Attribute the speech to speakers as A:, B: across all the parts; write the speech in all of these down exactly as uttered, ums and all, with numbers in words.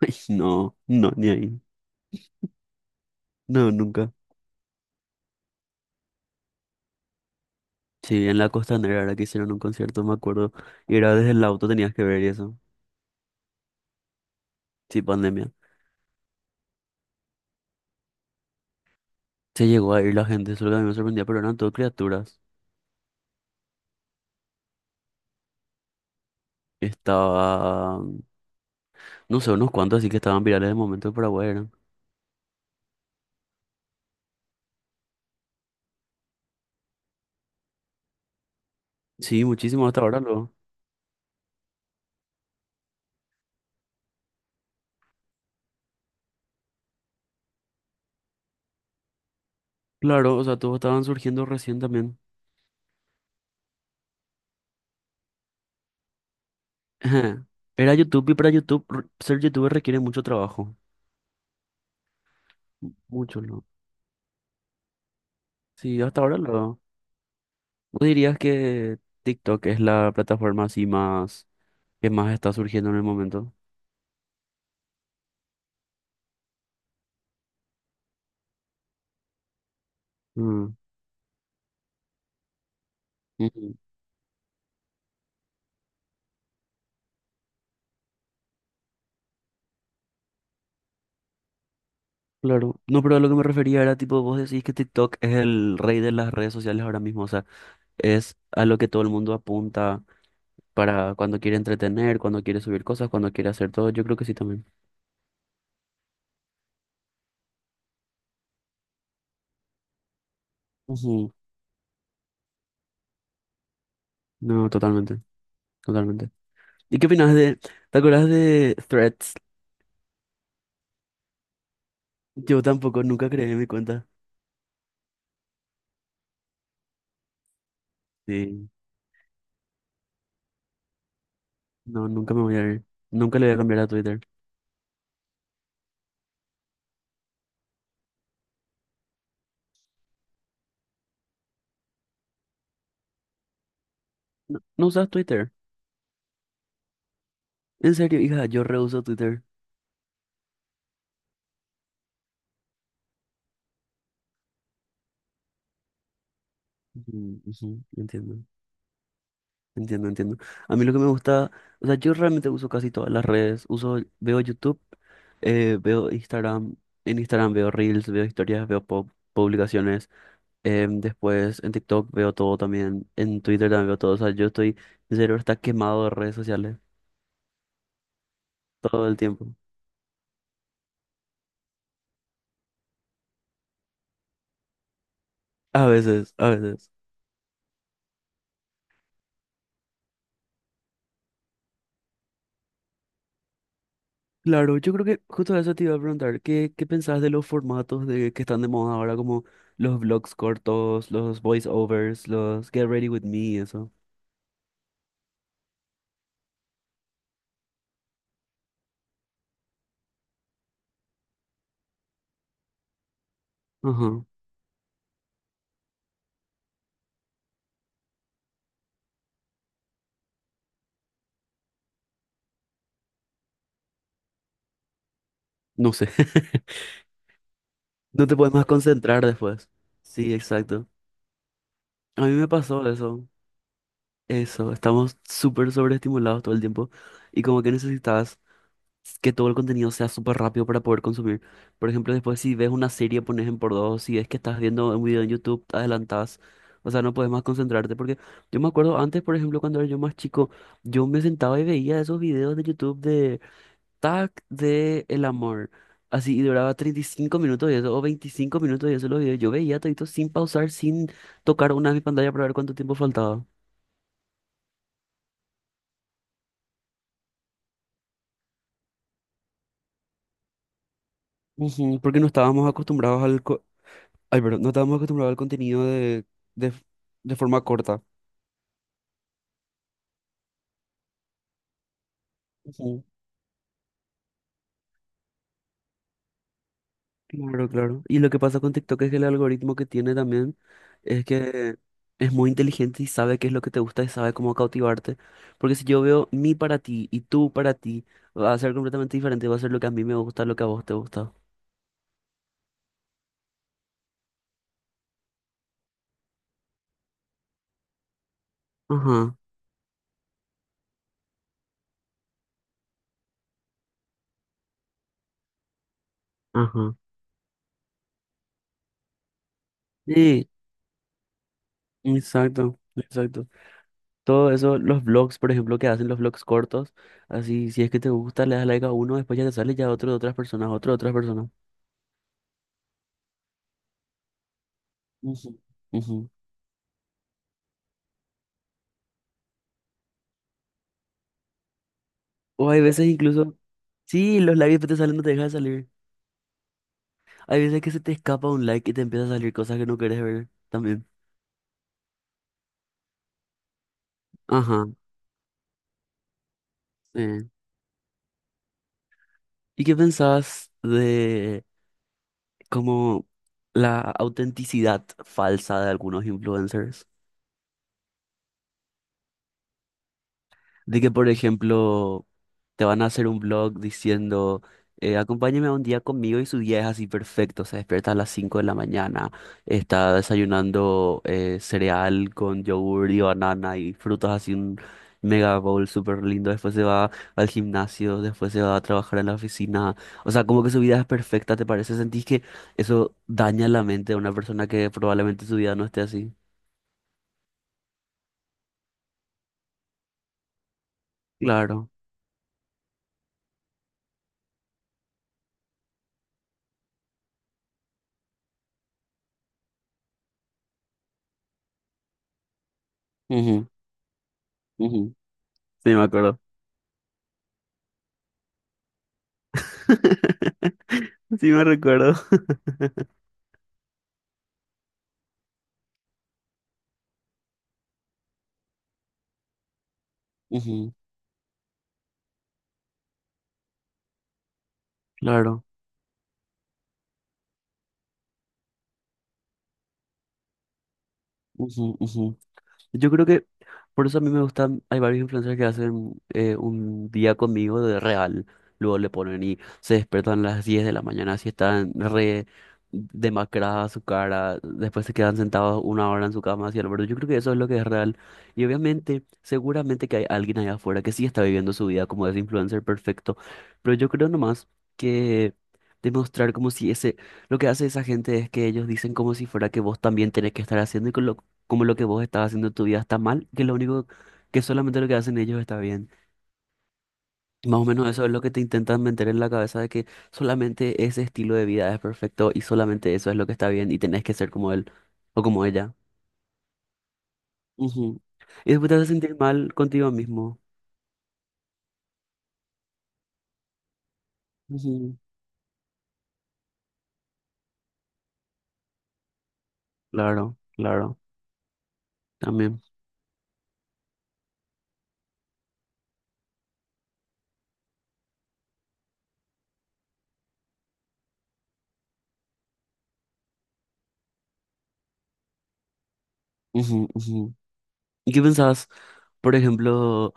A: Ay, No, no, ni ahí. No, nunca. Sí, en la Costanera era que hicieron un concierto, me acuerdo. Y era desde el auto tenías que ver y eso. Sí, pandemia. Se llegó a ir la gente, eso es lo que a mí me sorprendía, pero eran todo criaturas. Estaba, no sé, unos cuantos así que estaban virales de momento de Paraguay eran. Sí, muchísimo hasta ahora luego. Claro, o sea, todos estaban surgiendo recién también. Era YouTube y para YouTube, r- ser youtuber requiere mucho trabajo. M- Mucho, ¿no? Sí, hasta ahora lo. ¿Vos dirías que TikTok es la plataforma así más? ¿Qué más está surgiendo en el momento? Mm. Ujú. Claro. No, pero a lo que me refería era tipo, vos decís que TikTok es el rey de las redes sociales ahora mismo, o sea, es a lo que todo el mundo apunta para cuando quiere entretener, cuando quiere subir cosas, cuando quiere hacer todo. Yo creo que sí también. Ujú. No, totalmente, totalmente. ¿Y qué opinas de, te acuerdas de Threads? Yo tampoco, nunca creé mi cuenta. Sí. No, nunca me voy a ir. Nunca le voy a cambiar a Twitter. No, ¿no usas Twitter? En serio, hija, yo reuso Twitter. Ujú, ujú. Entiendo. Entiendo, entiendo. A mí lo que me gusta, o sea, yo realmente uso casi todas las redes. Uso, veo YouTube, eh, veo Instagram, en Instagram veo Reels, veo historias, veo pub- publicaciones. Em, después en TikTok veo todo también, en Twitter también veo todo. O sea, yo estoy, mi cerebro está quemado de redes sociales todo el tiempo. A veces, a veces. Claro, yo creo que justo eso te iba a preguntar, ¿qué, qué pensás de los formatos de, que están de moda ahora, como los vlogs cortos, los voiceovers, los Get Ready With Me, eso? Ajá. No sé. No te puedes más concentrar después. Sí, exacto. A mí me pasó eso. Eso, estamos súper sobreestimulados todo el tiempo y como que necesitas que todo el contenido sea súper rápido para poder consumir. Por ejemplo, después si ves una serie, pones en por dos, si es que estás viendo un video en YouTube, te adelantás. O sea, no puedes más concentrarte porque yo me acuerdo antes, por ejemplo, cuando era yo más chico, yo me sentaba y veía esos videos de YouTube de Tac de El Amor. Así, y duraba treinta y cinco minutos y eso, o veinticinco minutos y eso los videos. Yo veía todito sin pausar, sin tocar una de mis pantallas para ver cuánto tiempo faltaba. Ujú, porque no estábamos acostumbrados al... co- Ay, perdón, no estábamos acostumbrados al contenido de, de, f- de forma corta. Ujú. Claro, claro. Y lo que pasa con TikTok es que el algoritmo que tiene también. Es que es muy inteligente y sabe qué es lo que te gusta y sabe cómo cautivarte. Porque si yo veo mi para ti y tú para ti, va a ser completamente diferente, va a ser lo que a mí me gusta, lo que a vos te gusta. Ajá, ajá. Sí, exacto, exacto. Todo eso, los vlogs, por ejemplo, que hacen los vlogs cortos, así, si es que te gusta, le das like a uno, después ya te sale ya otro de otras personas, otro de otras personas. Ujú, ujú. O hay veces incluso, sí, los likes que te salen no te dejan de salir. Hay veces que se te escapa un like y te empieza a salir cosas que no quieres ver también. Ajá, sí. ¿Y qué pensás de como la autenticidad falsa de algunos influencers? De que, por ejemplo, te van a hacer un blog diciendo, eh, acompáñeme a un día conmigo y su día es así perfecto, se despierta a las cinco de la mañana, está desayunando eh, cereal con yogur y banana y frutas así un mega bowl súper lindo, después se va al gimnasio, después se va a trabajar en la oficina, o sea, como que su vida es perfecta, ¿te parece? ¿Sentís que eso daña la mente de una persona que probablemente su vida no esté así? Claro. Ujú, ujú. Sí, me acuerdo. Sí me recuerdo. Ujú. Claro. Ujú, ujú. Yo creo que por eso a mí me gustan, hay varios influencers que hacen eh, un día conmigo de real, luego le ponen y se despiertan a las diez de la mañana, así están re demacrada su cara, después se quedan sentados una hora en su cama, así al borde. Yo creo que eso es lo que es real. Y obviamente, seguramente que hay alguien allá afuera que sí está viviendo su vida como ese influencer perfecto, pero yo creo nomás que demostrar como si ese, lo que hace esa gente es que ellos dicen como si fuera que vos también tenés que estar haciendo y como lo que vos estás haciendo en tu vida está mal, que lo único que solamente lo que hacen ellos está bien. Más o menos eso es lo que te intentan meter en la cabeza de que solamente ese estilo de vida es perfecto y solamente eso es lo que está bien y tenés que ser como él o como ella. Ujú. Y después te hace sentir mal contigo mismo. Ujú. Claro, claro, también. Ujú, ujú. ¿Y qué pensás? Por ejemplo,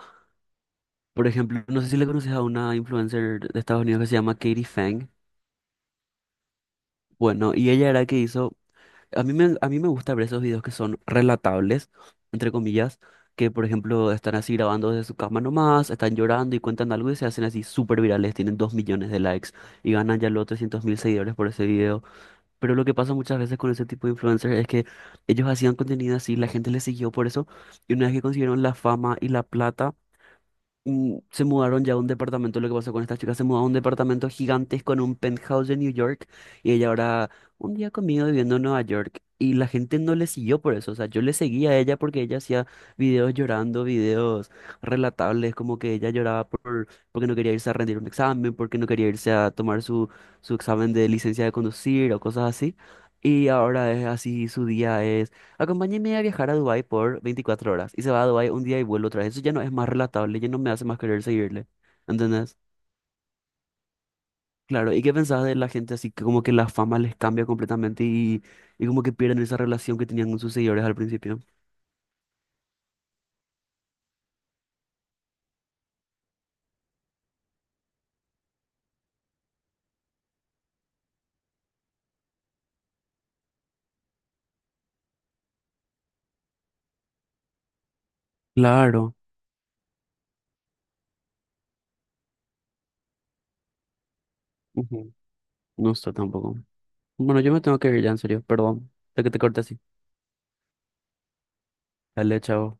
A: por ejemplo, no sé si le conoces a una influencer de Estados Unidos que se llama Katie Fang. Bueno, y ella era que hizo A mí me, a mí me gusta ver esos videos que son relatables, entre comillas, que por ejemplo están así grabando desde su cama nomás, están llorando y cuentan algo y se hacen así súper virales, tienen dos millones de likes y ganan ya los trescientos mil seguidores por ese video. Pero lo que pasa muchas veces con ese tipo de influencers es que ellos hacían contenido así, la gente les siguió por eso y una vez que consiguieron la fama y la plata, mm, se mudaron ya a un departamento, lo que pasó con esta chica, se mudó a un departamento gigantesco en un penthouse de New York y ella ahora un día conmigo viviendo en Nueva York y la gente no le siguió por eso, o sea, yo le seguía a ella porque ella hacía videos llorando, videos relatables, como que ella lloraba por, porque no quería irse a rendir un examen, porque no quería irse a tomar su, su examen de licencia de conducir o cosas así. Y ahora es así, su día es... Acompáñeme a viajar a Dubái por veinticuatro horas y se va a Dubái un día y vuelve otra vez. Eso ya no es más relatable, ya no me hace más querer seguirle. ¿Entendés? Claro, ¿y qué pensás de la gente así que como que la fama les cambia completamente y, y como que pierden esa relación que tenían con sus seguidores al principio? Claro. Ujú. No está tampoco. Bueno, yo me tengo que ir ya, en serio, perdón, de que te corte así. Dale, chao.